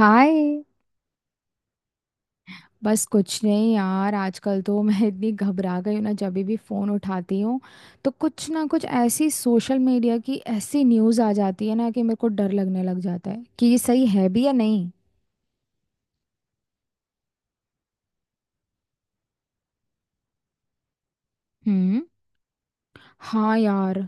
हाय। बस कुछ नहीं यार, आजकल तो मैं इतनी घबरा गई हूँ ना, जब भी फ़ोन उठाती हूँ तो कुछ ना कुछ ऐसी सोशल मीडिया की ऐसी न्यूज़ आ जाती है ना, कि मेरे को डर लगने लग जाता है कि ये सही है भी या नहीं। हम्म। हाँ यार,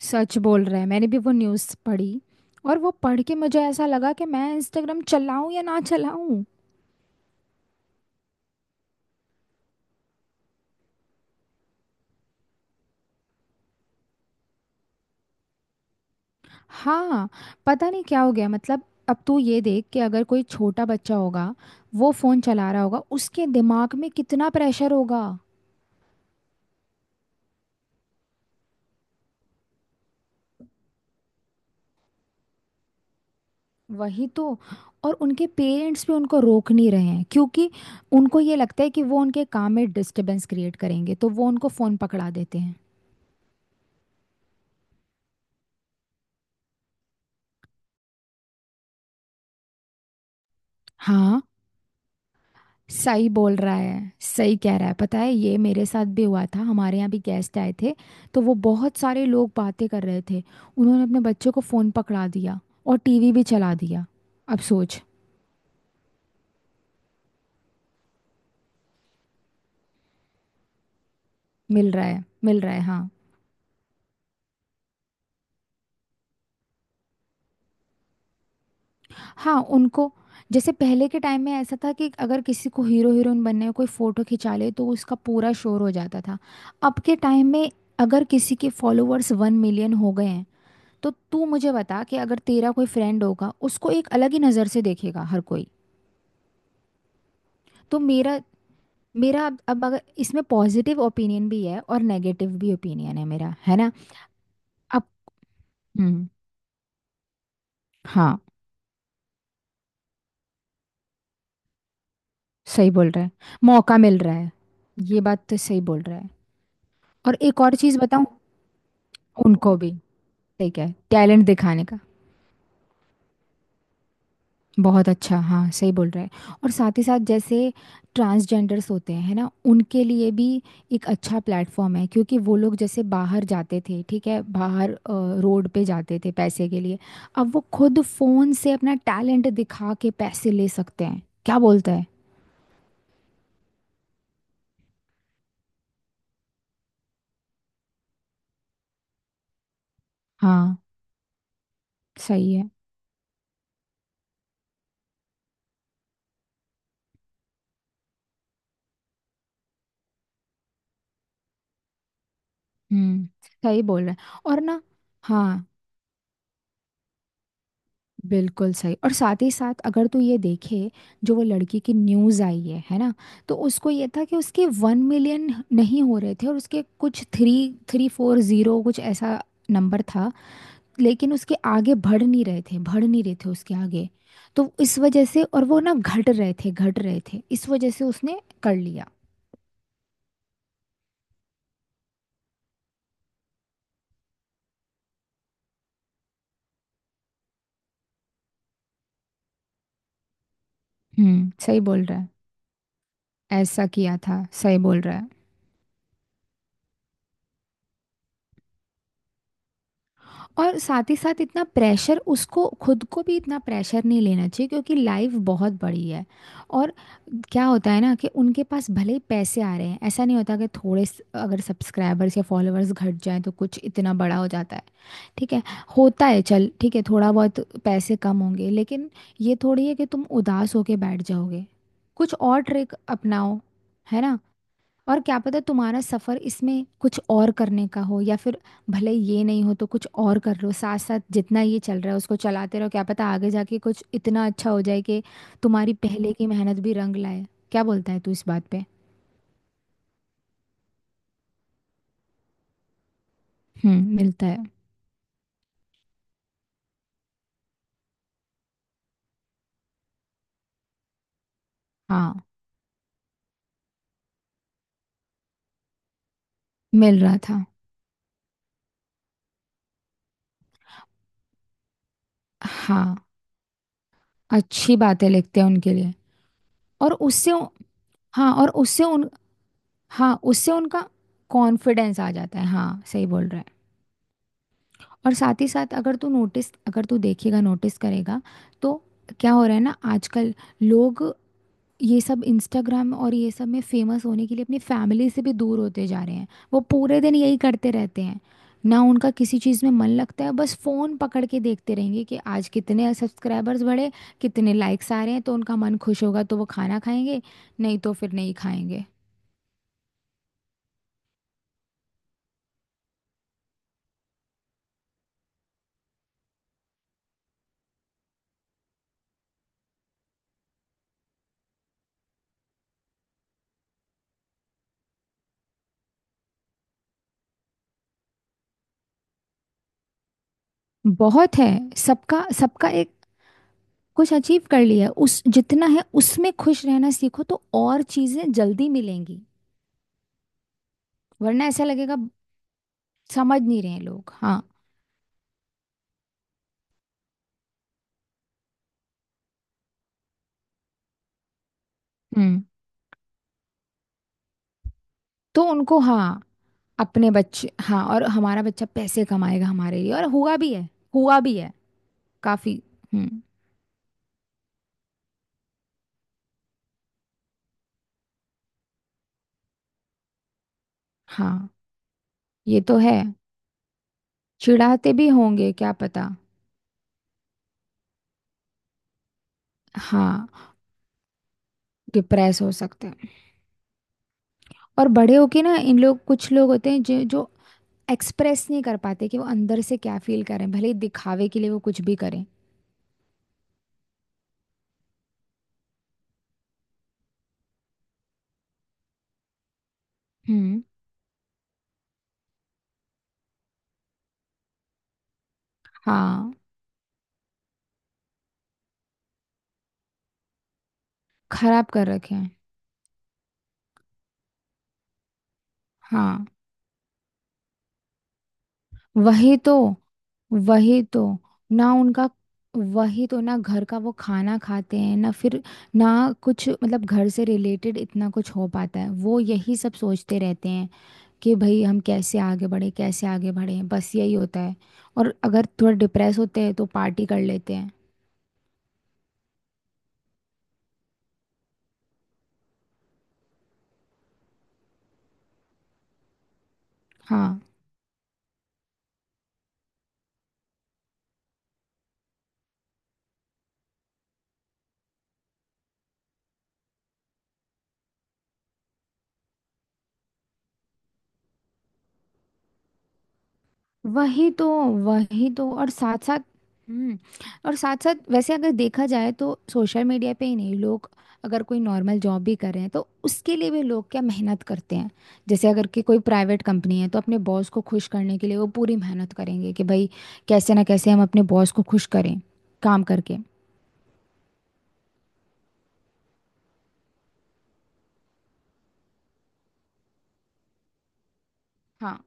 सच बोल रहा है, मैंने भी वो न्यूज़ पढ़ी। और वो पढ़ के मुझे ऐसा लगा कि मैं इंस्टाग्राम चलाऊँ या ना चलाऊँ। हाँ, पता नहीं क्या हो गया, मतलब अब तू ये देख, कि अगर कोई छोटा बच्चा होगा, वो फोन चला रहा होगा, उसके दिमाग में कितना प्रेशर होगा। वही तो। और उनके पेरेंट्स भी उनको रोक नहीं रहे हैं, क्योंकि उनको ये लगता है कि वो उनके काम में डिस्टरबेंस क्रिएट करेंगे, तो वो उनको फोन पकड़ा देते हैं। हाँ सही बोल रहा है, सही कह रहा है, पता है, ये मेरे साथ भी हुआ था, हमारे यहाँ भी गेस्ट आए थे। तो वो बहुत सारे लोग बातें कर रहे थे, उन्होंने अपने बच्चों को फ़ोन पकड़ा दिया और टीवी भी चला दिया। अब सोच। मिल रहा है, मिल रहा है, हाँ। हाँ उनको, जैसे पहले के टाइम में ऐसा था कि अगर किसी को हीरो हीरोइन बनने में कोई फ़ोटो खिंचा ले तो उसका पूरा शोर हो जाता था। अब के टाइम में अगर किसी के फॉलोअर्स 1 million हो गए हैं, तो तू मुझे बता, कि अगर तेरा कोई फ्रेंड होगा, उसको एक अलग ही नज़र से देखेगा हर कोई। तो मेरा मेरा अब अगर इसमें पॉजिटिव ओपिनियन भी है और नेगेटिव भी ओपिनियन है, मेरा है ना। अब हम्म। हाँ सही बोल रहा है, मौका मिल रहा है, ये बात तो सही बोल रहा है। और एक और चीज़ बताऊँ, उनको भी ठीक है टैलेंट दिखाने का। बहुत अच्छा, हाँ, सही बोल रहे हैं, और साथ ही साथ जैसे ट्रांसजेंडर्स होते हैं है ना, उनके लिए भी एक अच्छा प्लेटफॉर्म है, क्योंकि वो लोग जैसे बाहर जाते थे, ठीक है, रोड पे जाते थे पैसे के लिए। अब वो खुद फोन से अपना टैलेंट दिखा के पैसे ले सकते हैं, क्या बोलते हैं। हाँ सही है। हम्म सही बोल रहे हैं। और ना। हाँ बिल्कुल सही। और साथ ही साथ अगर तू ये देखे, जो वो लड़की की न्यूज़ आई है ना, तो उसको ये था कि उसके 1 million नहीं हो रहे थे, और उसके कुछ थ्री थ्री फोर जीरो कुछ ऐसा नंबर था। लेकिन उसके आगे बढ़ नहीं रहे थे, बढ़ नहीं रहे थे उसके आगे। तो इस वजह से, और वो ना घट रहे थे, घट रहे थे, इस वजह से उसने कर लिया। सही बोल रहा है, ऐसा किया था, सही बोल रहा है। और साथ ही साथ इतना प्रेशर, उसको खुद को भी इतना प्रेशर नहीं लेना चाहिए, क्योंकि लाइफ बहुत बड़ी है। और क्या होता है ना, कि उनके पास भले ही पैसे आ रहे हैं, ऐसा नहीं होता कि अगर सब्सक्राइबर्स या फॉलोअर्स घट जाएं तो कुछ इतना बड़ा हो जाता है। ठीक है, होता है, चल ठीक है, थोड़ा बहुत पैसे कम होंगे, लेकिन ये थोड़ी है कि तुम उदास होके बैठ जाओगे। कुछ और ट्रिक अपनाओ, है ना। और क्या पता तुम्हारा सफर इसमें कुछ और करने का हो, या फिर भले ये नहीं हो तो कुछ और कर लो, साथ साथ जितना ये चल रहा है उसको चलाते रहो। क्या पता आगे जाके कुछ इतना अच्छा हो जाए कि तुम्हारी पहले की मेहनत भी रंग लाए। क्या बोलता है तू इस बात पे। मिलता है। हाँ मिल रहा था। हाँ अच्छी बातें लिखते हैं उनके लिए। और हाँ और उससे उन, हाँ उससे उनका कॉन्फिडेंस आ जाता है, हाँ सही बोल रहा है। और साथ ही साथ अगर तू नोटिस, अगर तू देखेगा नोटिस करेगा, तो क्या हो रहा है ना आजकल, लोग ये सब इंस्टाग्राम और ये सब में फेमस होने के लिए अपनी फैमिली से भी दूर होते जा रहे हैं। वो पूरे दिन यही करते रहते हैं, ना उनका किसी चीज़ में मन लगता है, बस फ़ोन पकड़ के देखते रहेंगे कि आज कितने सब्सक्राइबर्स बढ़े, कितने लाइक्स आ रहे हैं। तो उनका मन खुश होगा तो वो खाना खाएंगे, नहीं तो फिर नहीं खाएंगे। बहुत है, सबका सबका एक। कुछ अचीव कर लिया है, उस जितना है उसमें खुश रहना सीखो तो और चीजें जल्दी मिलेंगी। वरना ऐसा लगेगा, समझ नहीं रहे हैं लोग, हाँ। हम्म। तो उनको, हाँ अपने बच्चे, हाँ और हमारा बच्चा पैसे कमाएगा हमारे लिए। और हुआ भी है, हुआ भी है काफी। हम्म। हाँ ये तो है, चिढ़ाते भी होंगे क्या पता। हाँ डिप्रेस हो सकते हैं। और बड़े होके ना, इन लोग कुछ लोग होते हैं जो जो एक्सप्रेस नहीं कर पाते कि वो अंदर से क्या फील करें, भले ही दिखावे के लिए वो कुछ भी करें। हम्म। हाँ खराब कर रखे हैं। हाँ। वही तो, वही तो, ना उनका, वही तो ना घर का वो खाना खाते हैं ना, फिर ना, कुछ मतलब घर से रिलेटेड इतना कुछ हो पाता है, वो यही सब सोचते रहते हैं कि भाई हम कैसे आगे बढ़े, कैसे आगे बढ़े, बस यही होता है। और अगर थोड़ा डिप्रेस होते हैं तो पार्टी कर लेते हैं। हाँ वही तो, वही तो, और साथ साथ। हम्म। और साथ साथ वैसे अगर देखा जाए तो सोशल मीडिया पे ही नहीं, लोग अगर कोई नॉर्मल जॉब भी कर रहे हैं तो उसके लिए भी लोग क्या मेहनत करते हैं। जैसे अगर कि कोई प्राइवेट कंपनी है, तो अपने बॉस को खुश करने के लिए वो पूरी मेहनत करेंगे कि भाई कैसे ना कैसे हम अपने बॉस को खुश करें, काम करके। हाँ।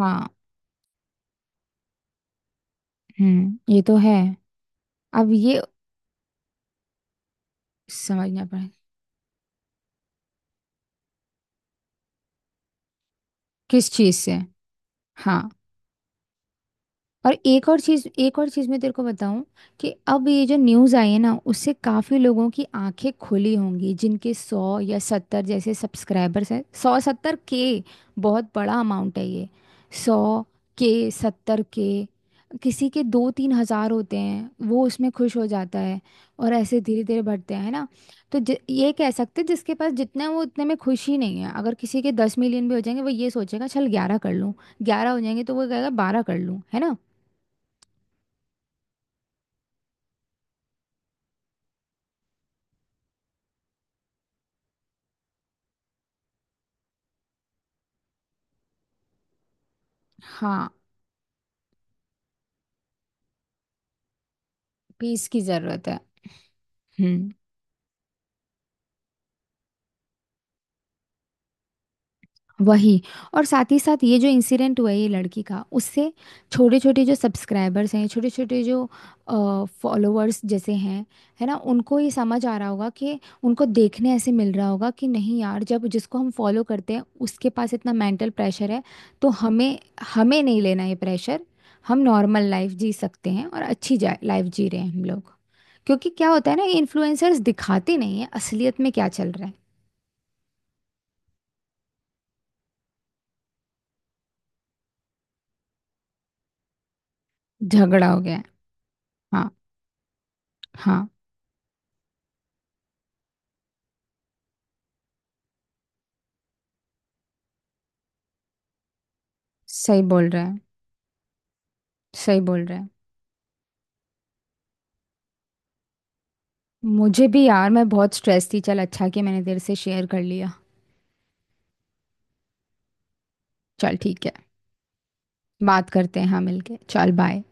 हाँ ये तो है। अब ये समझना पड़े, किस चीज़ से। हाँ। और एक और चीज, एक और चीज मैं तेरे को बताऊं, कि अब ये जो न्यूज आई है ना, उससे काफी लोगों की आंखें खुली होंगी, जिनके 100 या 70 जैसे सब्सक्राइबर्स हैं, 100-70 के। बहुत बड़ा अमाउंट है ये, 100 के, 70 के। किसी के 2-3 हज़ार होते हैं, वो उसमें खुश हो जाता है। और ऐसे धीरे धीरे बढ़ते हैं, है ना। तो ये कह सकते हैं, जिसके पास जितना है वो उतने में खुश ही नहीं है। अगर किसी के 10 million भी हो जाएंगे, वो ये सोचेगा चल 11 कर लूँ, 11 हो जाएंगे तो वो कहेगा 12 कर लूँ, है ना। हाँ पीस की जरूरत है। हम्म। वही, और साथ ही साथ ये जो इंसिडेंट हुआ है ये लड़की का, उससे छोटे छोटे जो सब्सक्राइबर्स हैं, छोटे छोटे जो फॉलोअर्स जैसे हैं, है ना, उनको ये समझ आ रहा होगा कि उनको देखने ऐसे मिल रहा होगा कि नहीं यार, जब जिसको हम फॉलो करते हैं उसके पास इतना मेंटल प्रेशर है, तो हमें हमें नहीं लेना ये प्रेशर। हम नॉर्मल लाइफ जी सकते हैं और अच्छी लाइफ जी रहे हैं हम लोग। क्योंकि क्या होता है ना, ये इन्फ्लुएंसर्स दिखाते नहीं है असलियत में क्या चल रहा है। झगड़ा हो गया है। हाँ। हाँ सही बोल रहा है, सही बोल रहा है। मुझे भी यार, मैं बहुत स्ट्रेस थी, चल अच्छा कि मैंने तेरे से शेयर कर लिया। चल ठीक है, बात करते हैं हाँ, मिलके चल बाय।